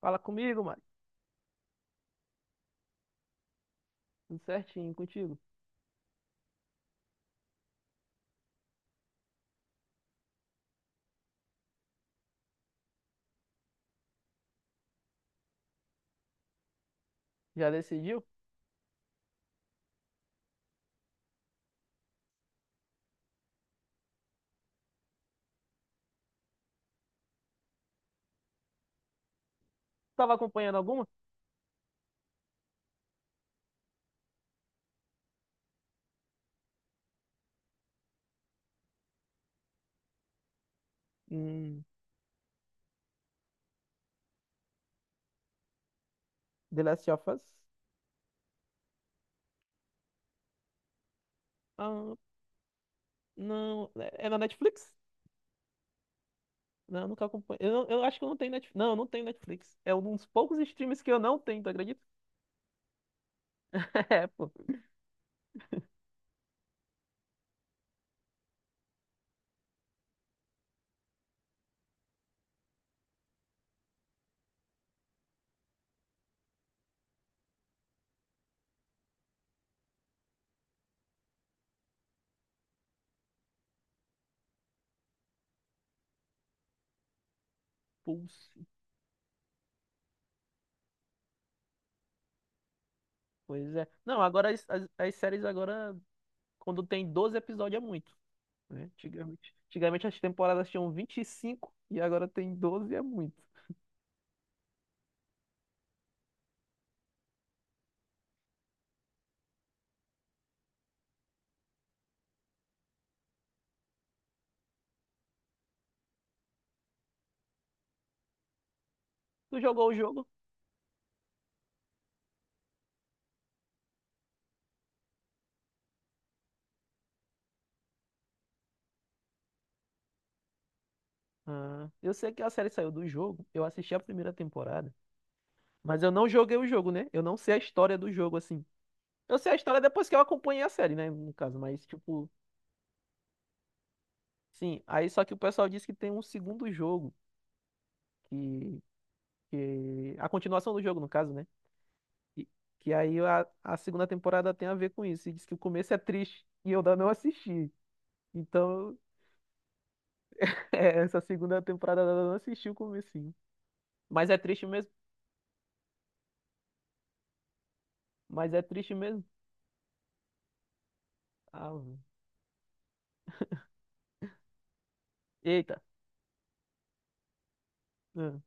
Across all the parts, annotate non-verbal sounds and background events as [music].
Fala comigo, mano. Tudo certinho contigo? Já decidiu? Tava acompanhando alguma? Hum. The Last of Us? Ah, não. É na Netflix? Não, eu nunca acompanho. Eu acho que eu não tenho Netflix. Não, eu não tenho Netflix. É um dos poucos streams que eu não tenho, tu acredita? [laughs] É, pô. Pulse. Pois é. Não, agora as séries agora, quando tem 12 episódios é muito, né? Antigamente as temporadas tinham 25 e agora tem 12 é muito. Tu jogou o jogo? Ah, eu sei que a série saiu do jogo, eu assisti a primeira temporada, mas eu não joguei o jogo, né? Eu não sei a história do jogo, assim. Eu sei a história depois que eu acompanhei a série, né? No caso, mas tipo, sim. Aí só que o pessoal disse que tem um segundo jogo, que, a continuação do jogo, no caso, né? E- que aí a segunda temporada tem a ver com isso. E diz que o começo é triste e eu ainda não assisti. Então, [laughs] é, essa segunda temporada eu ainda não assisti o comecinho. Mas é triste mesmo. Mas é triste mesmo. Ah, eita. Ah.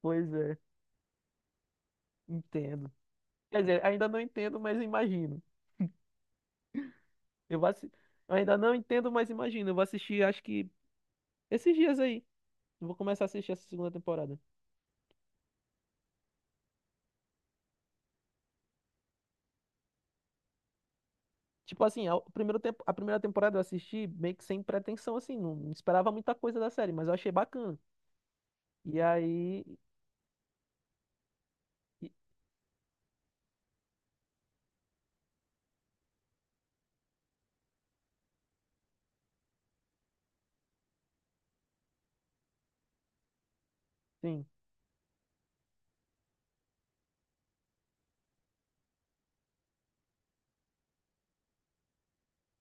Pois é. Entendo. Quer dizer, ainda não entendo, mas imagino. Eu vou assi... eu ainda não entendo, mas imagino. Eu vou assistir, acho que esses dias aí. Eu vou começar a assistir essa segunda temporada. Tipo assim, a primeira temporada eu assisti meio que sem pretensão, assim. Não, não esperava muita coisa da série, mas eu achei bacana. E aí. e- Sim,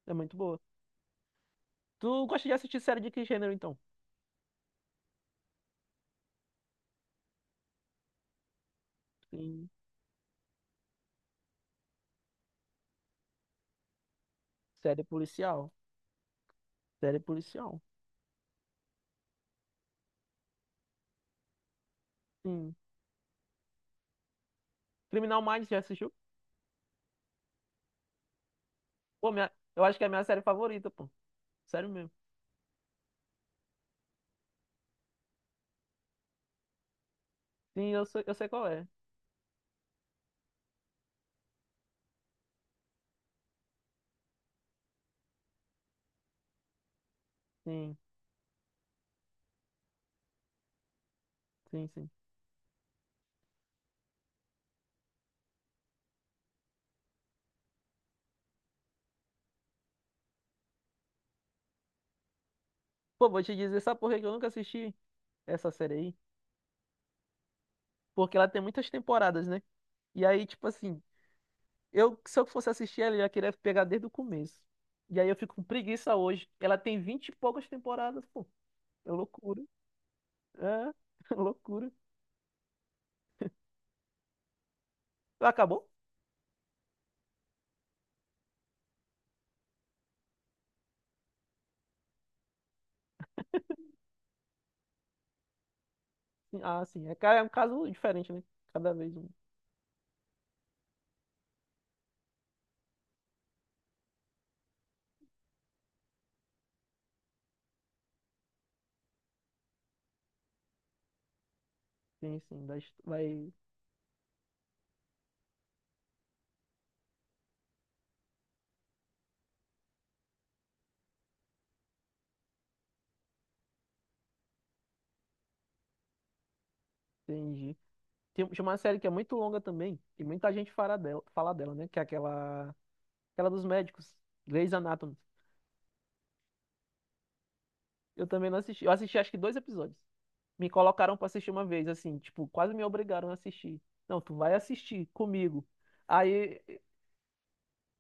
é muito boa. Tu gosta de assistir série de que gênero, então? Sim. Série policial. Série policial. Sim. Criminal Minds, já assistiu? Pô, eu acho que é a minha série favorita, pô. Sério mesmo. Sim, eu sei qual é. Sim. Sim, sim. Pô, vou te dizer, sabe por que que eu nunca assisti essa série aí? Porque ela tem muitas temporadas, né? E aí, tipo assim, se eu fosse assistir ela, eu ia querer pegar desde o começo. E aí eu fico com preguiça hoje. Ela tem vinte e poucas temporadas, pô. É loucura. É, [laughs] loucura. Acabou? Sim, ah, sim. É, é um caso diferente, né? Cada vez um. Sim, sim. Vai- Entendi. Tem uma série que é muito longa também, e muita gente fala dela, né? Que é aquela dos médicos, Grey's Anatomy. Eu também não assisti. Eu assisti acho que dois episódios. Me colocaram pra assistir uma vez, assim, tipo, quase me obrigaram a assistir. Não, tu vai assistir comigo. Aí,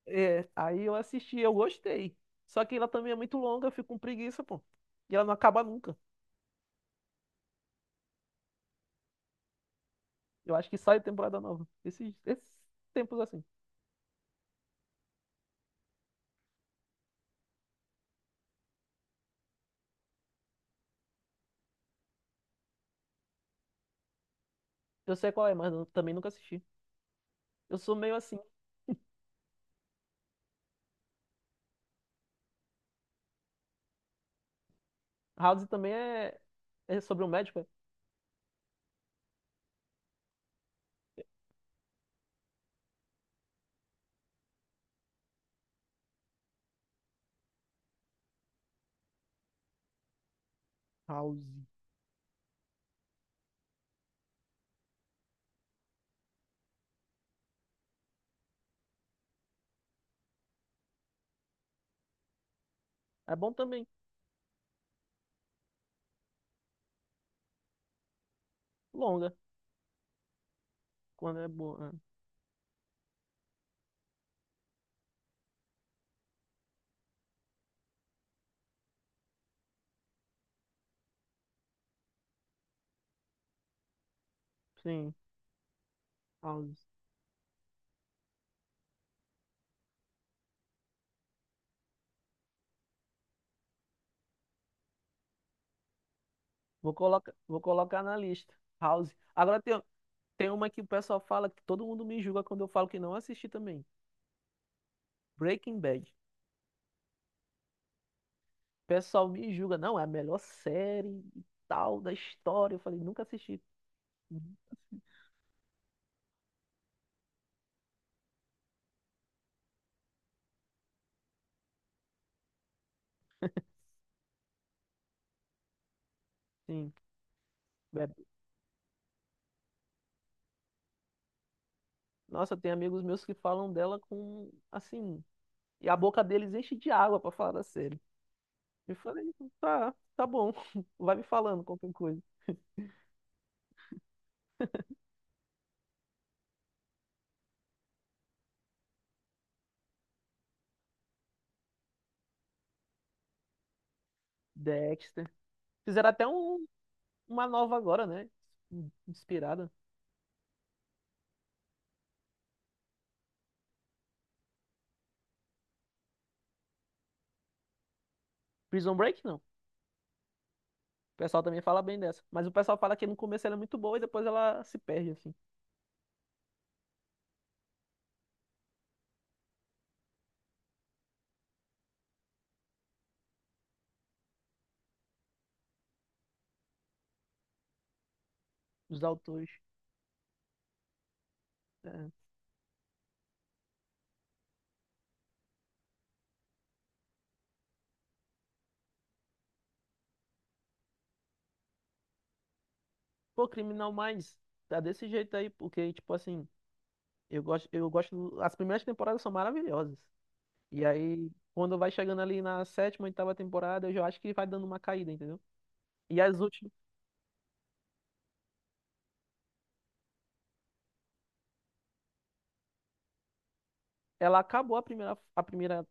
aí, eu assisti, eu gostei. Só que ela também é muito longa, eu fico com preguiça, pô. E ela não acaba nunca. Eu acho que sai temporada nova. Esses tempos assim. Eu sei qual é, mas eu também nunca assisti. Eu sou meio assim. House também é sobre um médico, é? House. É bom também. Longa, quando é boa. É. Sim, House. Vou colocar na lista. House. Agora tem uma que o pessoal fala que todo mundo me julga quando eu falo que não assisti também. Breaking Bad. O pessoal me julga, não, é a melhor série e tal da história. Eu falei, nunca assisti. Uhum. Sim. É. Nossa, tem amigos meus que falam dela com, assim, e a boca deles enche de água pra falar da série. Eu falei, tá, tá bom. [laughs] Vai me falando qualquer coisa. Dexter. Fizeram até uma nova agora, né? Inspirada. Prison Break, não. O pessoal também fala bem dessa. Mas o pessoal fala que no começo ela é muito boa e depois ela se perde, assim, os autores. É. Pô, Criminal Minds, tá desse jeito aí, porque, tipo assim, eu gosto, eu gosto. As primeiras temporadas são maravilhosas. E aí, quando vai chegando ali na sétima, oitava temporada, eu já acho que vai dando uma caída, entendeu? E as últimas. Ela acabou a primeira.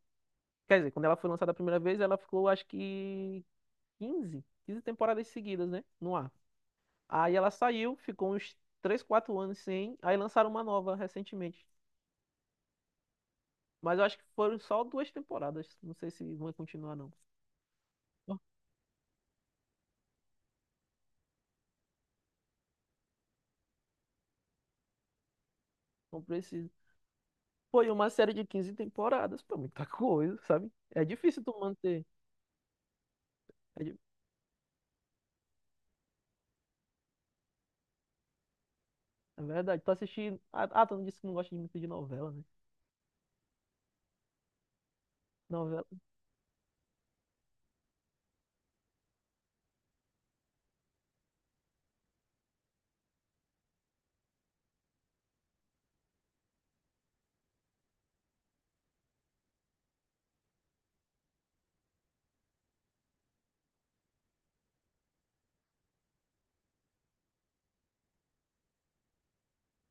Quer dizer, quando ela foi lançada a primeira vez, ela ficou, acho que quinze temporadas seguidas, né? No ar. Aí ela saiu, ficou uns 3, 4 anos sem. Aí lançaram uma nova recentemente. Mas eu acho que foram só duas temporadas. Não sei se vão continuar, não. Não precisa. Foi uma série de 15 temporadas, pô, muita coisa, sabe? É difícil tu manter. É, é verdade. Tu assistindo. Ah, tu não disse que não gosta de muito de novela, né? Novela.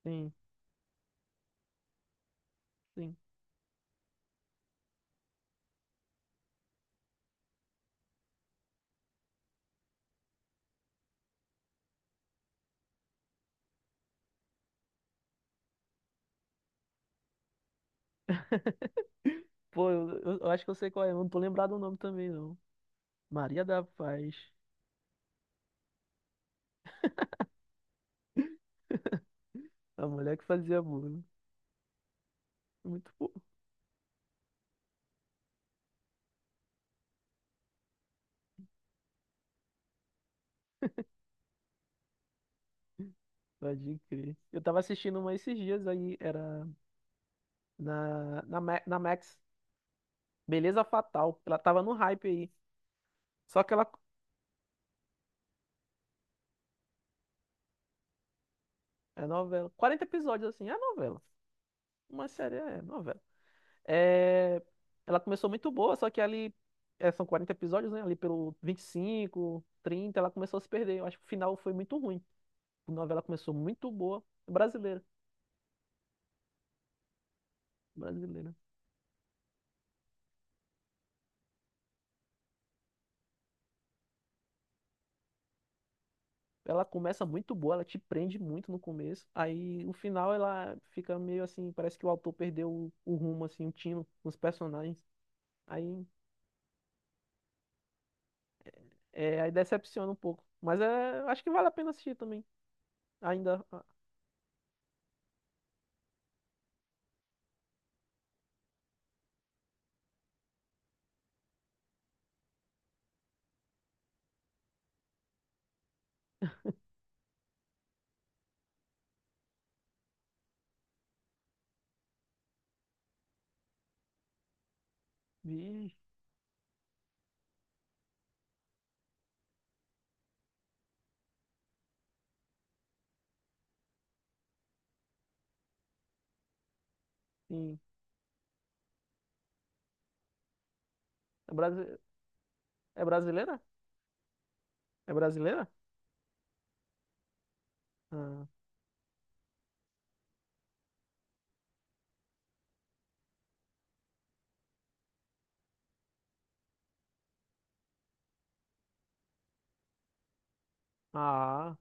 Sim, sim. [laughs] Pô, eu acho que eu sei qual é. Eu não tô lembrado o nome também, não. Maria da Paz. A mulher que fazia bullying. Muito bom. Pode crer. Eu tava assistindo uma esses dias aí. Era. Na Max. Beleza Fatal. Ela tava no hype aí. Só que ela. É novela. 40 episódios, assim. É novela. Uma série é novela. É... Ela começou muito boa, só que ali. É, são 40 episódios, né? Ali pelo 25, 30 ela começou a se perder. Eu acho que o final foi muito ruim. A novela começou muito boa. Brasileira. Brasileira. Ela começa muito boa, ela te prende muito no começo. Aí o final ela fica meio assim. Parece que o autor perdeu o rumo, assim, o tino, os personagens. Aí aí, decepciona um pouco. Mas é, acho que vale a pena assistir também. Ainda. Ah, vi, sim. É, é brasileira? É brasileira? Ah, ah,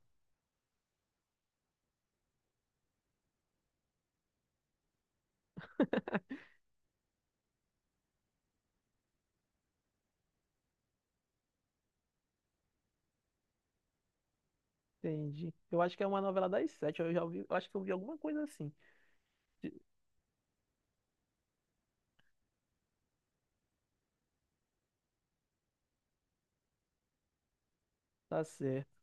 [laughs] entendi. Eu acho que é uma novela das sete. Eu já vi, eu acho que eu vi alguma coisa assim. De- Tá certo.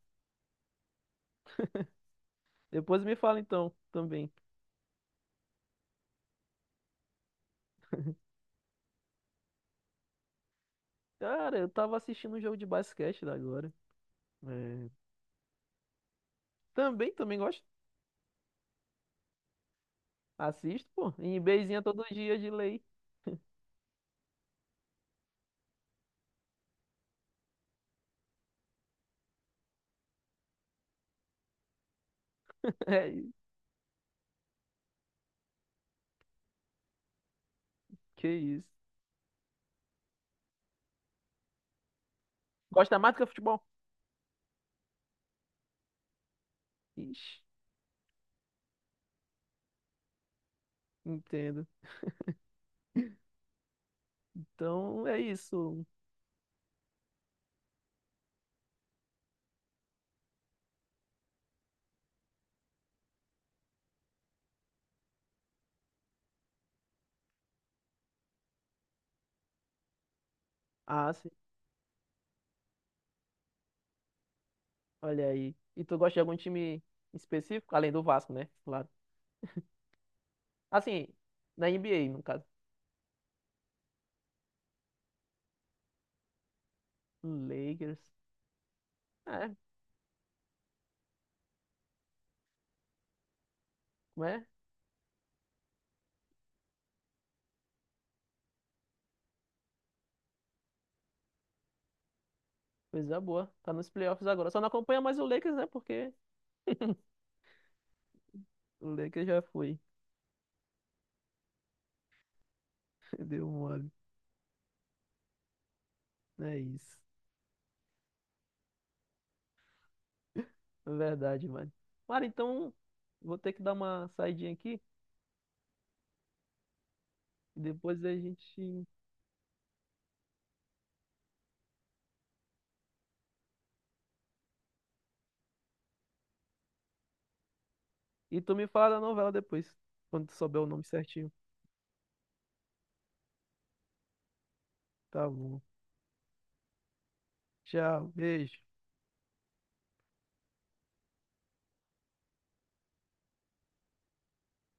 Depois me fala então também. Cara, eu tava assistindo um jogo de basquete da agora. É, também gosto. Assisto, pô. Em beizinha todo dia de lei. [laughs] É, que isso. Gosta mais do que futebol? Ixi, entendo. Então é isso. Ah, sim. Olha aí. E tu gosta de algum time específico? Além do Vasco, né? Claro. Assim, na NBA, no caso. Lakers. É, não é? Coisa boa. Tá nos playoffs agora. Só não acompanha mais o Lakers, né? Porque o Lakers já foi. [laughs] Deu mole. É isso. É verdade, mano. Mano, então vou ter que dar uma saidinha aqui. E depois a gente. E tu me fala da novela depois. Quando tu souber o nome certinho. Tá bom. Tchau. Beijo.